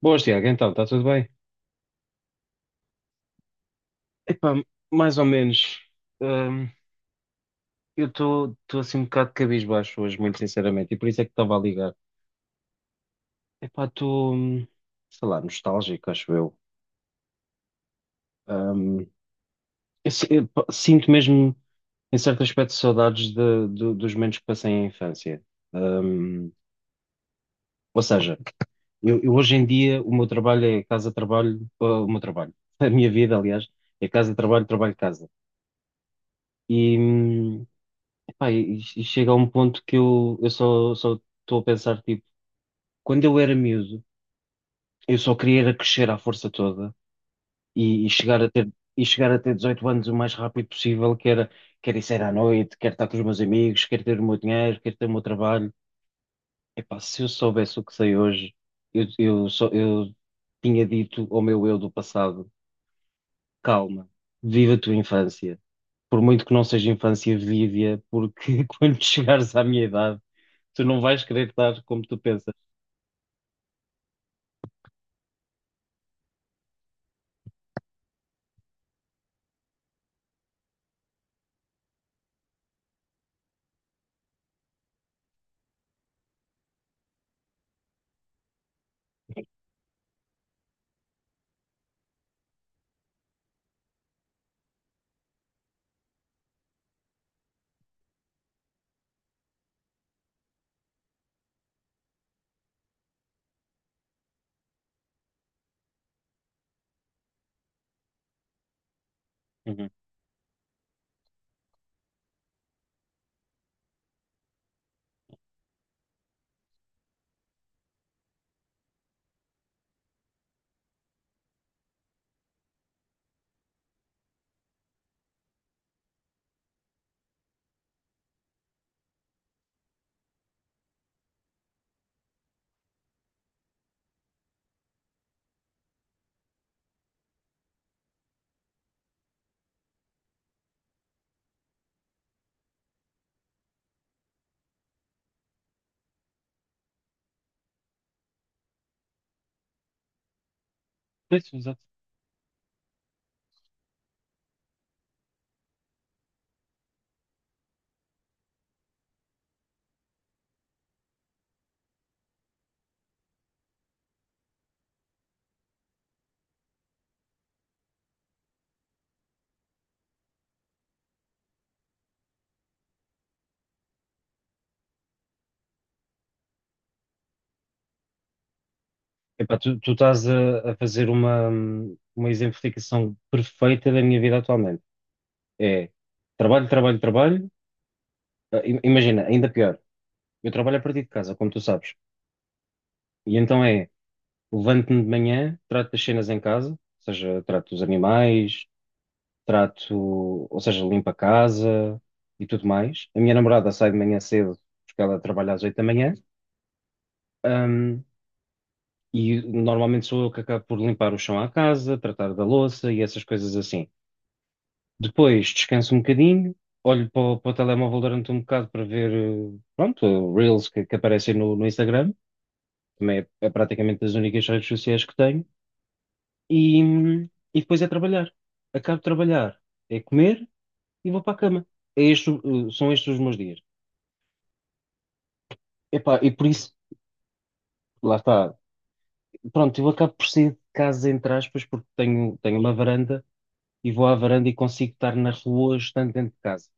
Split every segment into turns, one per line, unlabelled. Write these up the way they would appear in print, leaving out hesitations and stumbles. Boas, Tiago, então, está tudo bem? Epá, mais ou menos. Hum, eu estou assim um bocado cabisbaixo hoje, muito sinceramente, e por isso é que estava a ligar. Epá, estou, sei lá, nostálgico, acho eu. Hum, eu sinto mesmo, em certo aspecto, saudades dos momentos que passei em infância. Hum, ou seja, eu hoje em dia, o meu trabalho é casa-trabalho, a minha vida, aliás, é casa-trabalho, trabalho-casa. E, hum, Pá, e chega a um ponto que eu só estou a pensar, tipo, quando eu era miúdo, eu só queria era crescer à força toda e, e chegar a ter, e chegar a ter 18 anos o mais rápido possível, que era, quero ir sair à noite, quero estar com os meus amigos, quero ter o meu dinheiro, quero ter o meu trabalho. Epá, se eu soubesse o que sei hoje, eu tinha dito ao meu eu do passado, calma, viva a tua infância. Por muito que não seja infância vívia, porque quando chegares à minha idade, tu não vais querer dar como tu pensas. Uhum. Pois, exato. Epá, tu estás a fazer uma exemplificação perfeita da minha vida atualmente. É trabalho, trabalho, trabalho. Ah, Imagina, ainda pior. Eu trabalho a partir de casa, como tu sabes. E então é, levanto-me de manhã, trato das cenas em casa, ou seja, trato dos animais, trato, ou seja, limpo a casa e tudo mais. A minha namorada sai de manhã cedo, porque ela trabalha às 8 da manhã. E normalmente sou eu que acabo por limpar o chão à casa, tratar da louça e essas coisas assim. Depois descanso um bocadinho, olho para o telemóvel durante um bocado para ver, pronto, Reels que aparecem no Instagram, também é, é praticamente das únicas redes sociais que tenho, e depois é trabalhar. Acabo de trabalhar, é comer e vou para a cama. É este, são estes os meus dias. Epá, e por isso, lá está. Pronto, eu acabo por sair de casa, entre aspas, porque tenho uma varanda e vou à varanda e consigo estar na rua estando dentro de casa.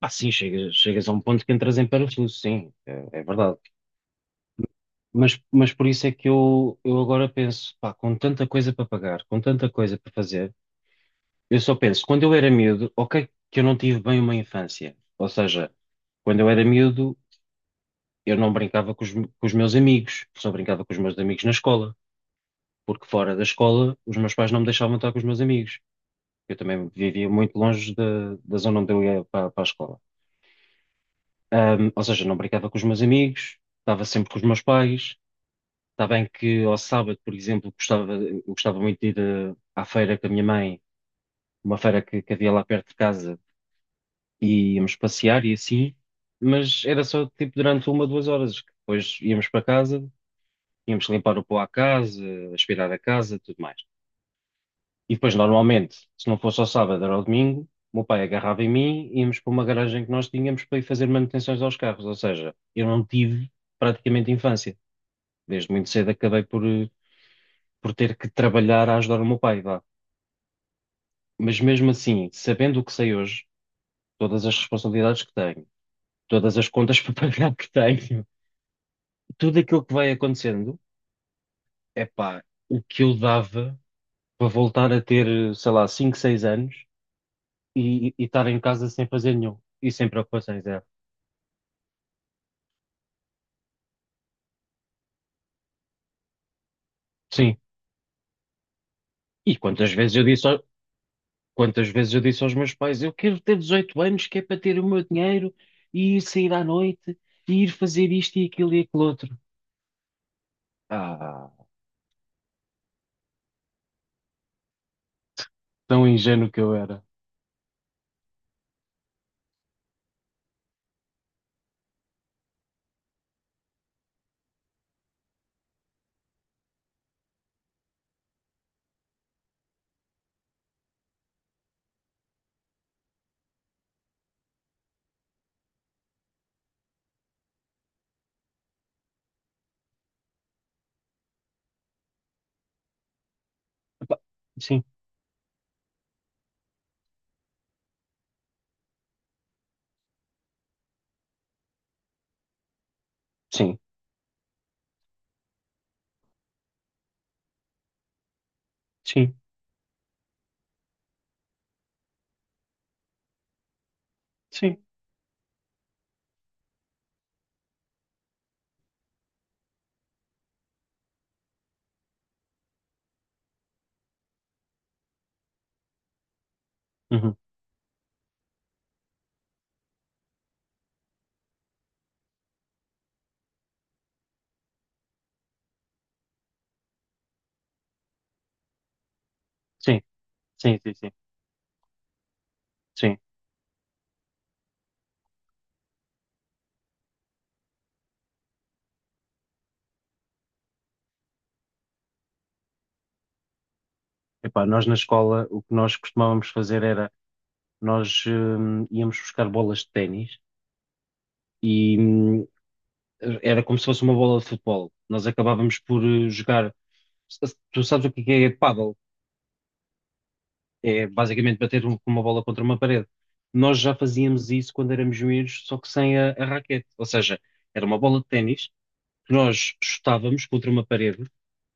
Ah, sim, chegas a um ponto que entras em parafuso, sim, é, é verdade. Mas por isso é que eu agora penso, pá, com tanta coisa para pagar, com tanta coisa para fazer, eu só penso, quando eu era miúdo, ok, que eu não tive bem uma infância. Ou seja, quando eu era miúdo, eu não brincava com os meus amigos, só brincava com os meus amigos na escola, porque fora da escola, os meus pais não me deixavam estar com os meus amigos. Eu também vivia muito longe da zona onde eu ia para a escola. Ou seja, não brincava com os meus amigos, estava sempre com os meus pais. Está bem que ao sábado, por exemplo, gostava, eu gostava muito de ir à feira com a minha mãe, uma feira que havia lá perto de casa, e íamos passear e assim, mas era só tipo durante uma, 2 horas, que depois íamos para casa, íamos limpar o pó à casa, aspirar a casa, tudo mais. E depois, normalmente, se não fosse ao sábado, era ao domingo, o meu pai agarrava em mim, íamos para uma garagem que nós tínhamos para ir fazer manutenções aos carros, ou seja, eu não tive praticamente infância. Desde muito cedo acabei por, por ter que trabalhar a ajudar o meu pai, vá. Mas mesmo assim, sabendo o que sei hoje, todas as responsabilidades que tenho, todas as contas para pagar que tenho, tudo aquilo que vai acontecendo, é pá, o que eu dava para voltar a ter, sei lá, 5 6 anos e estar em casa sem fazer nenhum e sem preocupações, é. Sim. E quantas vezes eu disse, ao- quantas vezes eu disse aos meus pais, eu quero ter 18 anos, que é para ter o meu dinheiro e ir sair à noite e ir fazer isto e aquilo outro. Ah, tão ingênuo que eu era. Epá, sim, sim. Sim, sim. Uhum. Sim, sim, sim, sim. Sim. Epá, nós na escola o que nós costumávamos fazer era nós íamos buscar bolas de ténis e era como se fosse uma bola de futebol. Nós acabávamos por jogar. Tu sabes o que é pádel? É basicamente bater com uma bola contra uma parede. Nós já fazíamos isso quando éramos miúdos, só que sem a raquete. Ou seja, era uma bola de ténis nós chutávamos contra uma parede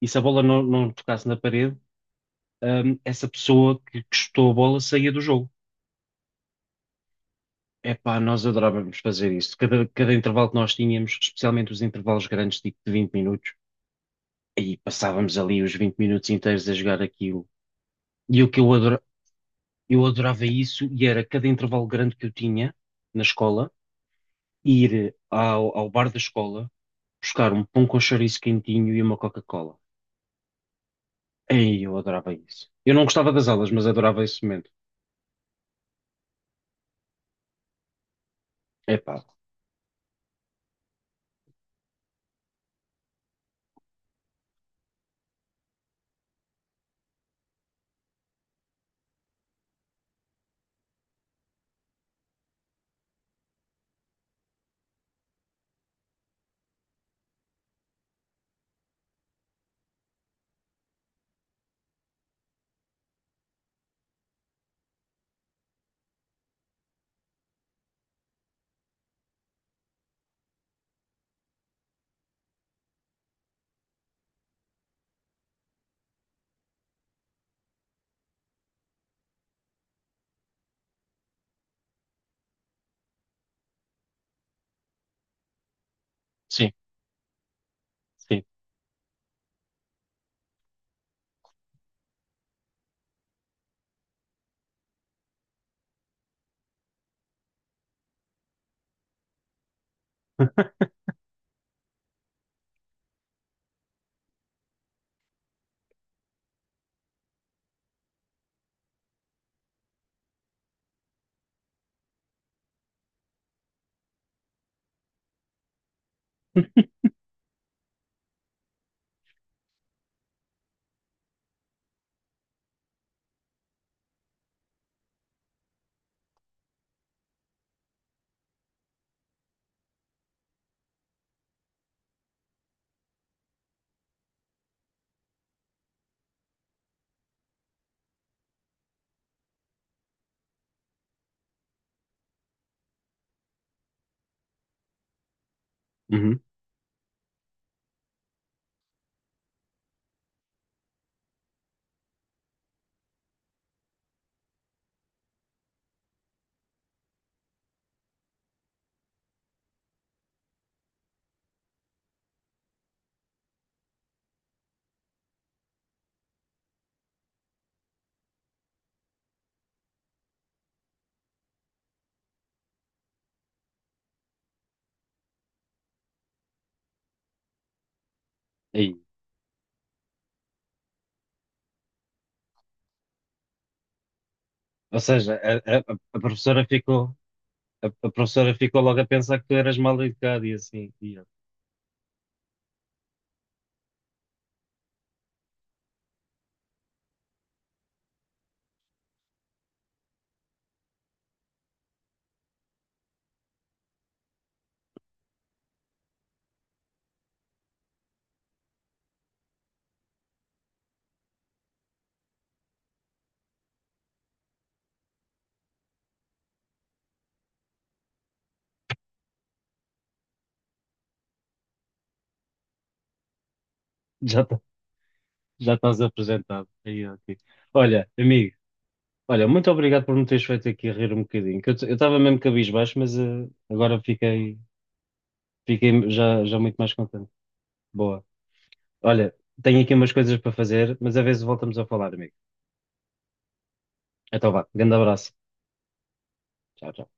e se a bola não tocasse na parede, essa pessoa que chutou a bola saía do jogo. Epá, nós adorávamos fazer isso. Cada intervalo que nós tínhamos, especialmente os intervalos grandes, tipo de 20 minutos, e passávamos ali os 20 minutos inteiros a jogar aquilo. E o que eu adora- eu adorava isso, e era cada intervalo grande que eu tinha na escola, ir ao, ao bar da escola, buscar um pão com chouriço quentinho e uma Coca-Cola. Ei, eu adorava isso. Eu não gostava das aulas, mas adorava esse momento. Epá, sim, sim. Uhum. Ei. Ou seja, a professora ficou, a professora ficou logo a pensar que tu eras mal educado e assim, e eu, já, tá- já estás apresentado. Aí, ok. Olha, amigo, muito obrigado por me teres feito aqui rir um bocadinho, que eu estava mesmo cabisbaixo, mas agora fiquei já muito mais contente. Boa. Olha, tenho aqui umas coisas para fazer, mas a vezes voltamos a falar, amigo. Então vá, grande abraço. Tchau, tchau.